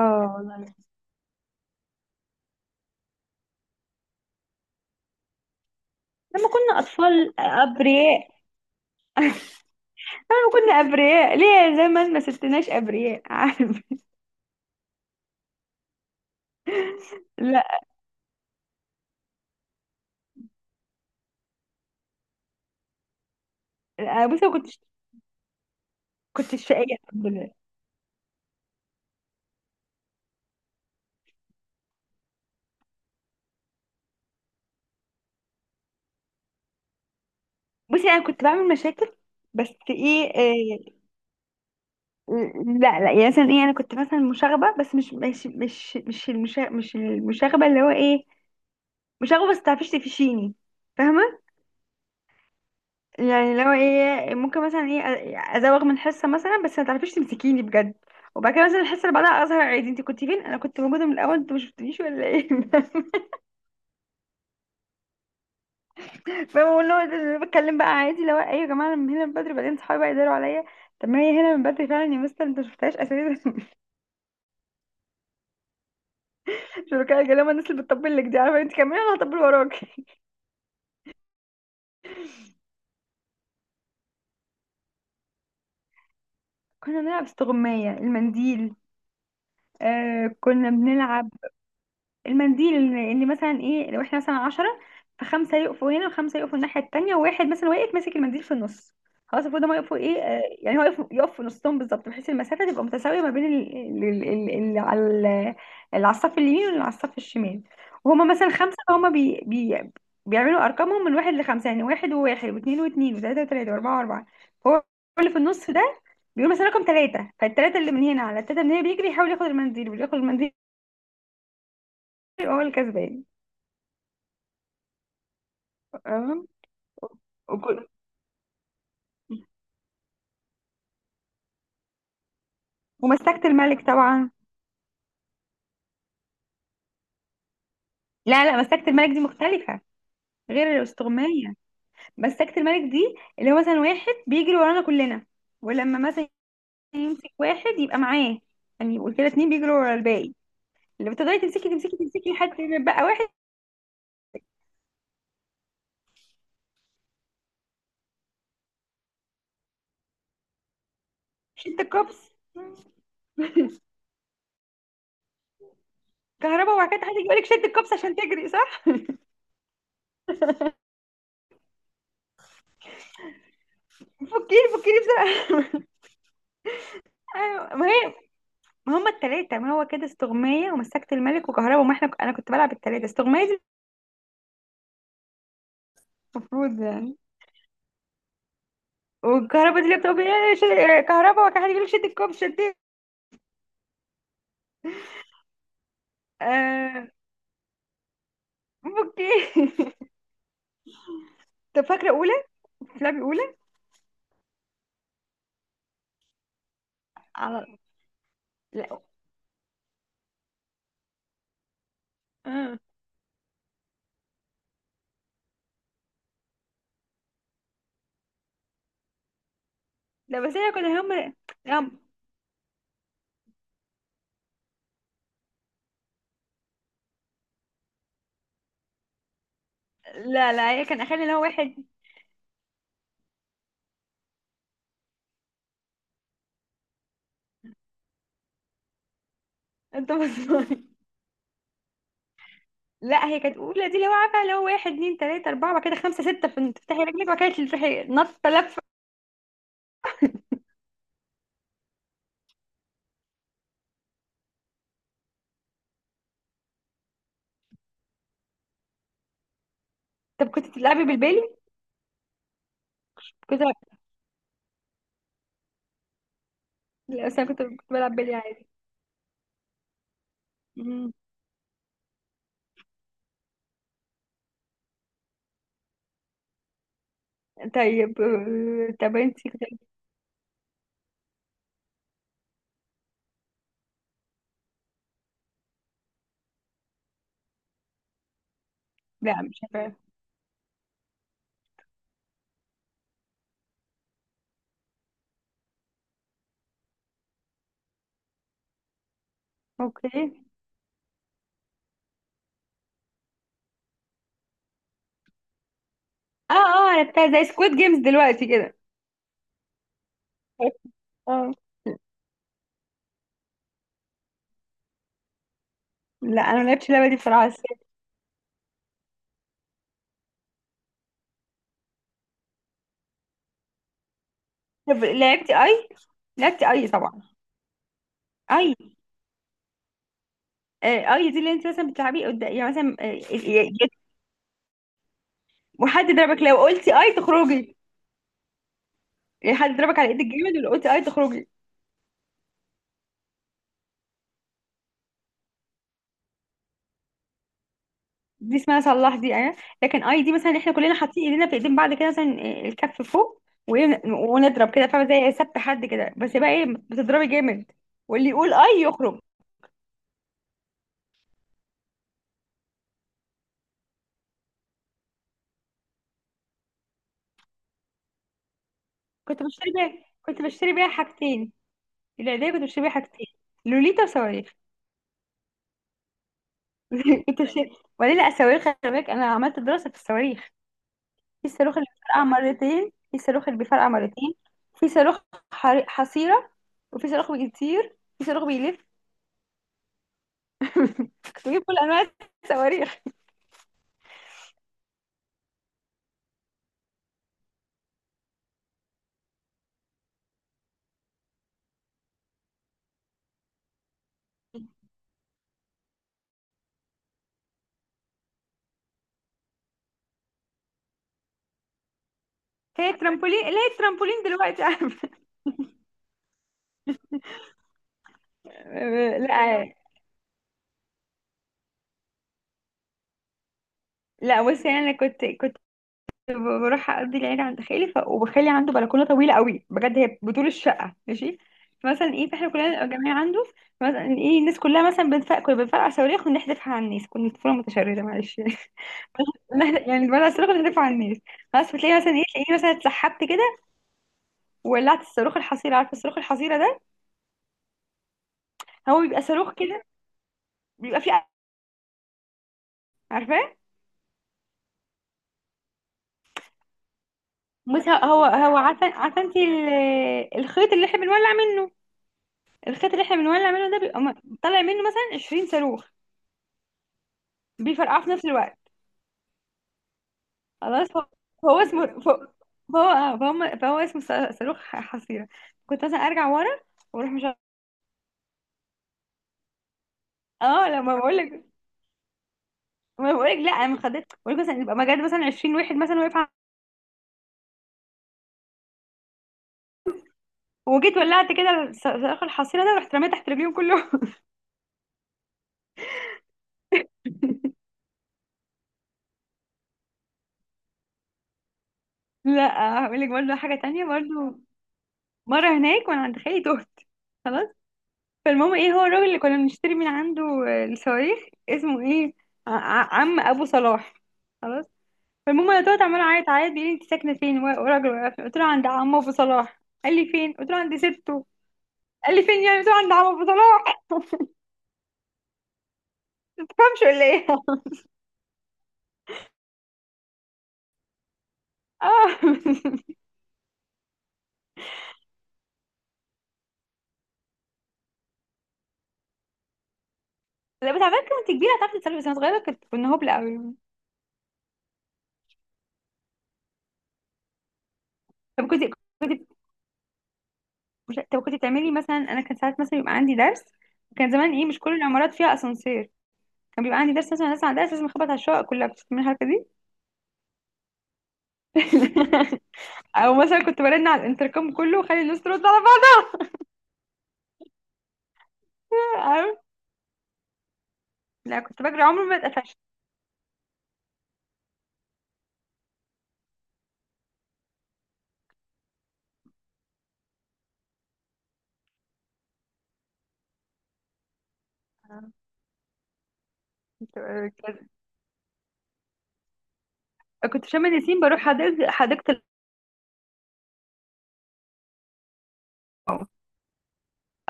اه والله، لما كنا أطفال أبرياء. لما كنا أبرياء ليه؟ زي ما ما سبتناش أبرياء. عارف؟ لا، أنا بصي ما كنتش شقية، الحمد لله. بصي أنا كنت بعمل مشاكل، بس إيه, إيه. لا لا، يعني مثلا إيه، أنا كنت مثلا مشاغبة، بس مش المشاغبة اللي هو إيه. مشاغبة بس تعرفيش تفشيني. فاهمة؟ يعني لو ايه، ممكن مثلا ايه ازوغ من حصه مثلا، بس ما تعرفيش تمسكيني بجد. وبعد كده مثلا الحصه اللي بعدها اظهر عادي: انت كنت فين؟ انا كنت موجوده من الاول، انت ما شفتنيش ولا ايه؟ فبقول له ده بتكلم بقى عادي: لو ايوه يا جماعه، انا من هنا من بدري، بعدين صحابي بقى يداروا عليا. طب ما هي هنا من بدري فعلا، يا مستر، انت ما شفتهاش اساسا. شركاء الجلامه. الناس اللي بتطبل لك دي، عارفه؟ انت كمان انا هطبل وراك. كنا بنلعب استغمايه المنديل. آه كنا بنلعب المنديل إن مثلا ايه لو احنا مثلا عشرة، فخمسة يقفوا هنا وخمسة يقفوا الناحية التانية، وواحد مثلا واقف ماسك المنديل في النص. خلاص، المفروض هما يقفوا ايه، آه، يعني هو يقف في نصهم بالظبط، بحيث المسافة تبقى متساوية ما بين ال- ال- اللي على ال- اللي على الصف اليمين واللي على الصف الشمال. وهما مثلا خمسة، فهما بي بي بيعملوا أرقامهم من واحد لخمسة، يعني واحد وواحد واثنين واثنين وثلاثة وثلاثة وأربعة وأربعة. هو اللي في النص ده بيقول مثلا رقم ثلاثة، فالثلاثة اللي من هنا على الثلاثة من هنا بيجري يحاول ياخد المنديل، واللي ياخد المنديل يبقى هو الكسبان. وك- ومسكت الملك طبعا. لا لا، مسكت الملك دي مختلفة. غير الاستغماية. مسكت الملك دي اللي هو مثلا واحد بيجري ورانا كلنا، ولما مثلا يمسك واحد يبقى معاه. يعني يبقوا كده اتنين بيجروا ورا الباقي. لما تفضلي تمسكي تمسكي تمسكي لحد ما يبقى واحد. شد الكوبس. كهرباء، وبعد كده حد يجي يقول لك شد الكوبس عشان تجري، صح؟ فكيني فكيني بسرعة. ايوه ما هي، ما هما التلاتة، ما هو كده استغماية ومسكت الملك وكهرباء، وما احنا انا كنت بلعب التلاتة، استغماية دي. المفروض يعني. والكهرباء دي اللي بتبقى إيه، كهرباء، وكان حد يقول لك شد الكوب، شديت. آه، اوكي. طب فاكره اولى، فلابي اولى؟ على، لا، آه. لا، بس هي كانوا هم. لا لا، هي كان اخلي اللي هو واحد. انت بصمي. لا، هي كانت اولى دي اللي هو عارفه، اللي هو واحد اتنين تلاته اربعه، بعد كده خمسه سته، تفتحي رجلك، وبعد كده تروحي نطه لفه. طب كنت بتلعبي بالبالي؟ كنت. لا بس انا كنت بلعب بالي عادي. مم. طيب، طب انت كنت. لا مش عارفه. اوكي. اه اه، عرفتها زي سكويد جيمز دلوقتي كده. اه. لا انا ما لعبتش اللعبه دي بصراحه. طب لعبتي اي؟ لعبتي اي طبعا؟ اي. آه، اي دي اللي انت مثلا بتلعبي قدام، يعني مثلا، وحد ضربك لو قلتي اي تخرجي. يعني حد ضربك على ايدك جامد، ولو قلتي اي تخرجي. دي اسمها صلاح دي، اه. لكن اي دي مثلا، احنا كلنا حاطين ايدينا في ايدين بعض كده مثلا، الكف فوق. وإيه، ونضرب كده، فاهمه؟ زي سبت حد كده، بس بقى ايه بتضربي جامد. واللي يقول اي يخرج. كنت بشتري بيها حاجتين. العيدية كنت بشتري بيها حاجتين. لوليتا وصواريخ. كنت بشتري. وبعدين لا، الصواريخ، خلي بالك، انا عملت دراسة في الصواريخ. في الصاروخ اللي بيفرقع مرتين، في الصاروخ اللي بيفرقع مرتين. في صاروخ حصيرة. وفي صاروخ بيطير، في صاروخ بيلف. كنت بجيب كل انواع الصواريخ. هي الترامبولين دلوقتي، عارفة؟ لا لا، بصي انا كنت بروح اقضي العيد عند خالي وخالي عنده بلكونه طويله قوي بجد، هي بطول الشقه ماشي. فمثلا ايه، فاحنا كلنا جميع عنده. مثلا ايه، الناس كلها، مثلا كنا بنفرقع صواريخ ونحذفها على الناس. كنا طفوله متشرده معلش يعني. يعني بنفرقع الصاروخ ونحذفها على الناس. بس بتلاقي مثلا ايه، تلاقيني مثلا اتسحبت كده، وولعت الصاروخ الحصيره. عارفه الصاروخ الحصيره ده؟ هو بيبقى صاروخ كده، بيبقى فيه، عارفاه؟ بس هو عارفه انت، الخيط اللي احنا بنولع منه. الخيط اللي احنا بنولع منه ده بيبقى طالع منه مثلا 20 صاروخ بيفرقعوا في نفس الوقت. خلاص، هو اسمه، فهو اسمه صاروخ حصيرة. كنت مثلا ارجع ورا واروح مش اه، لما بقول لك. ما بقول لك لا، انا ما خدت، بقول لك مثلا يبقى مجال، مثلا 20 واحد مثلا واقف وجيت ولعت كده، صاروخ الحصيرة ده رحت رميت تحت رجليهم كلهم. لا، هقول لك برضه حاجة تانية برضه. مرة هناك وانا عند خالي، تهت خلاص. فالمهم ايه، هو الراجل اللي كنا بنشتري من عنده آه، الصواريخ، اسمه ايه؟ عم ابو صلاح، خلاص. فالمهم انا طلعت عماله اعيط عيط، بيقول لي انت ساكنه فين؟ وراجل وقفني قلت له عند عمه ابو صلاح، قال لي فين، قلت له عند سته، قال لي فين يعني، قلت له عند عمه ابو صلاح. ما تفهمش ولا ايه؟ اه. لا بس على فكره، كنت كبيره هتعرفي تتصرفي، بس انا صغيره كنا هبله قوي. طب كنت كنت مش- طب كنت بتعملي مثلا، انا كان ساعات مثلا يبقى عندي درس. كان زمان ايه، مش كل العمارات فيها اسانسير. كان بيبقى عندي درس، مثلا نازله على درس، لازم اخبط على الشقق كلها. بتسمعي الحركه دي؟ او مثلا كنت برن على الانتركم كله وخلي الناس ترد على بعض. عارف؟ لا، كنت بجري، عمري ما اتقفشت. كنت في شم النسيم بروح حديقة الأزهر.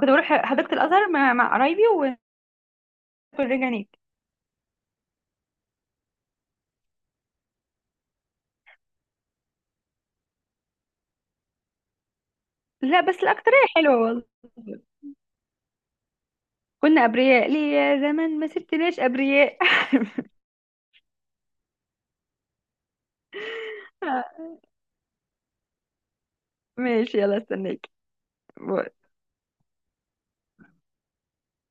كنت بروح حديقة الأزهر مع قرايبي وناكل. رجع نيك. لا بس الأكترية حلوة والله. كنا أبرياء ليه يا زمان، ما سبتناش أبرياء. ماشي، يلا استناك.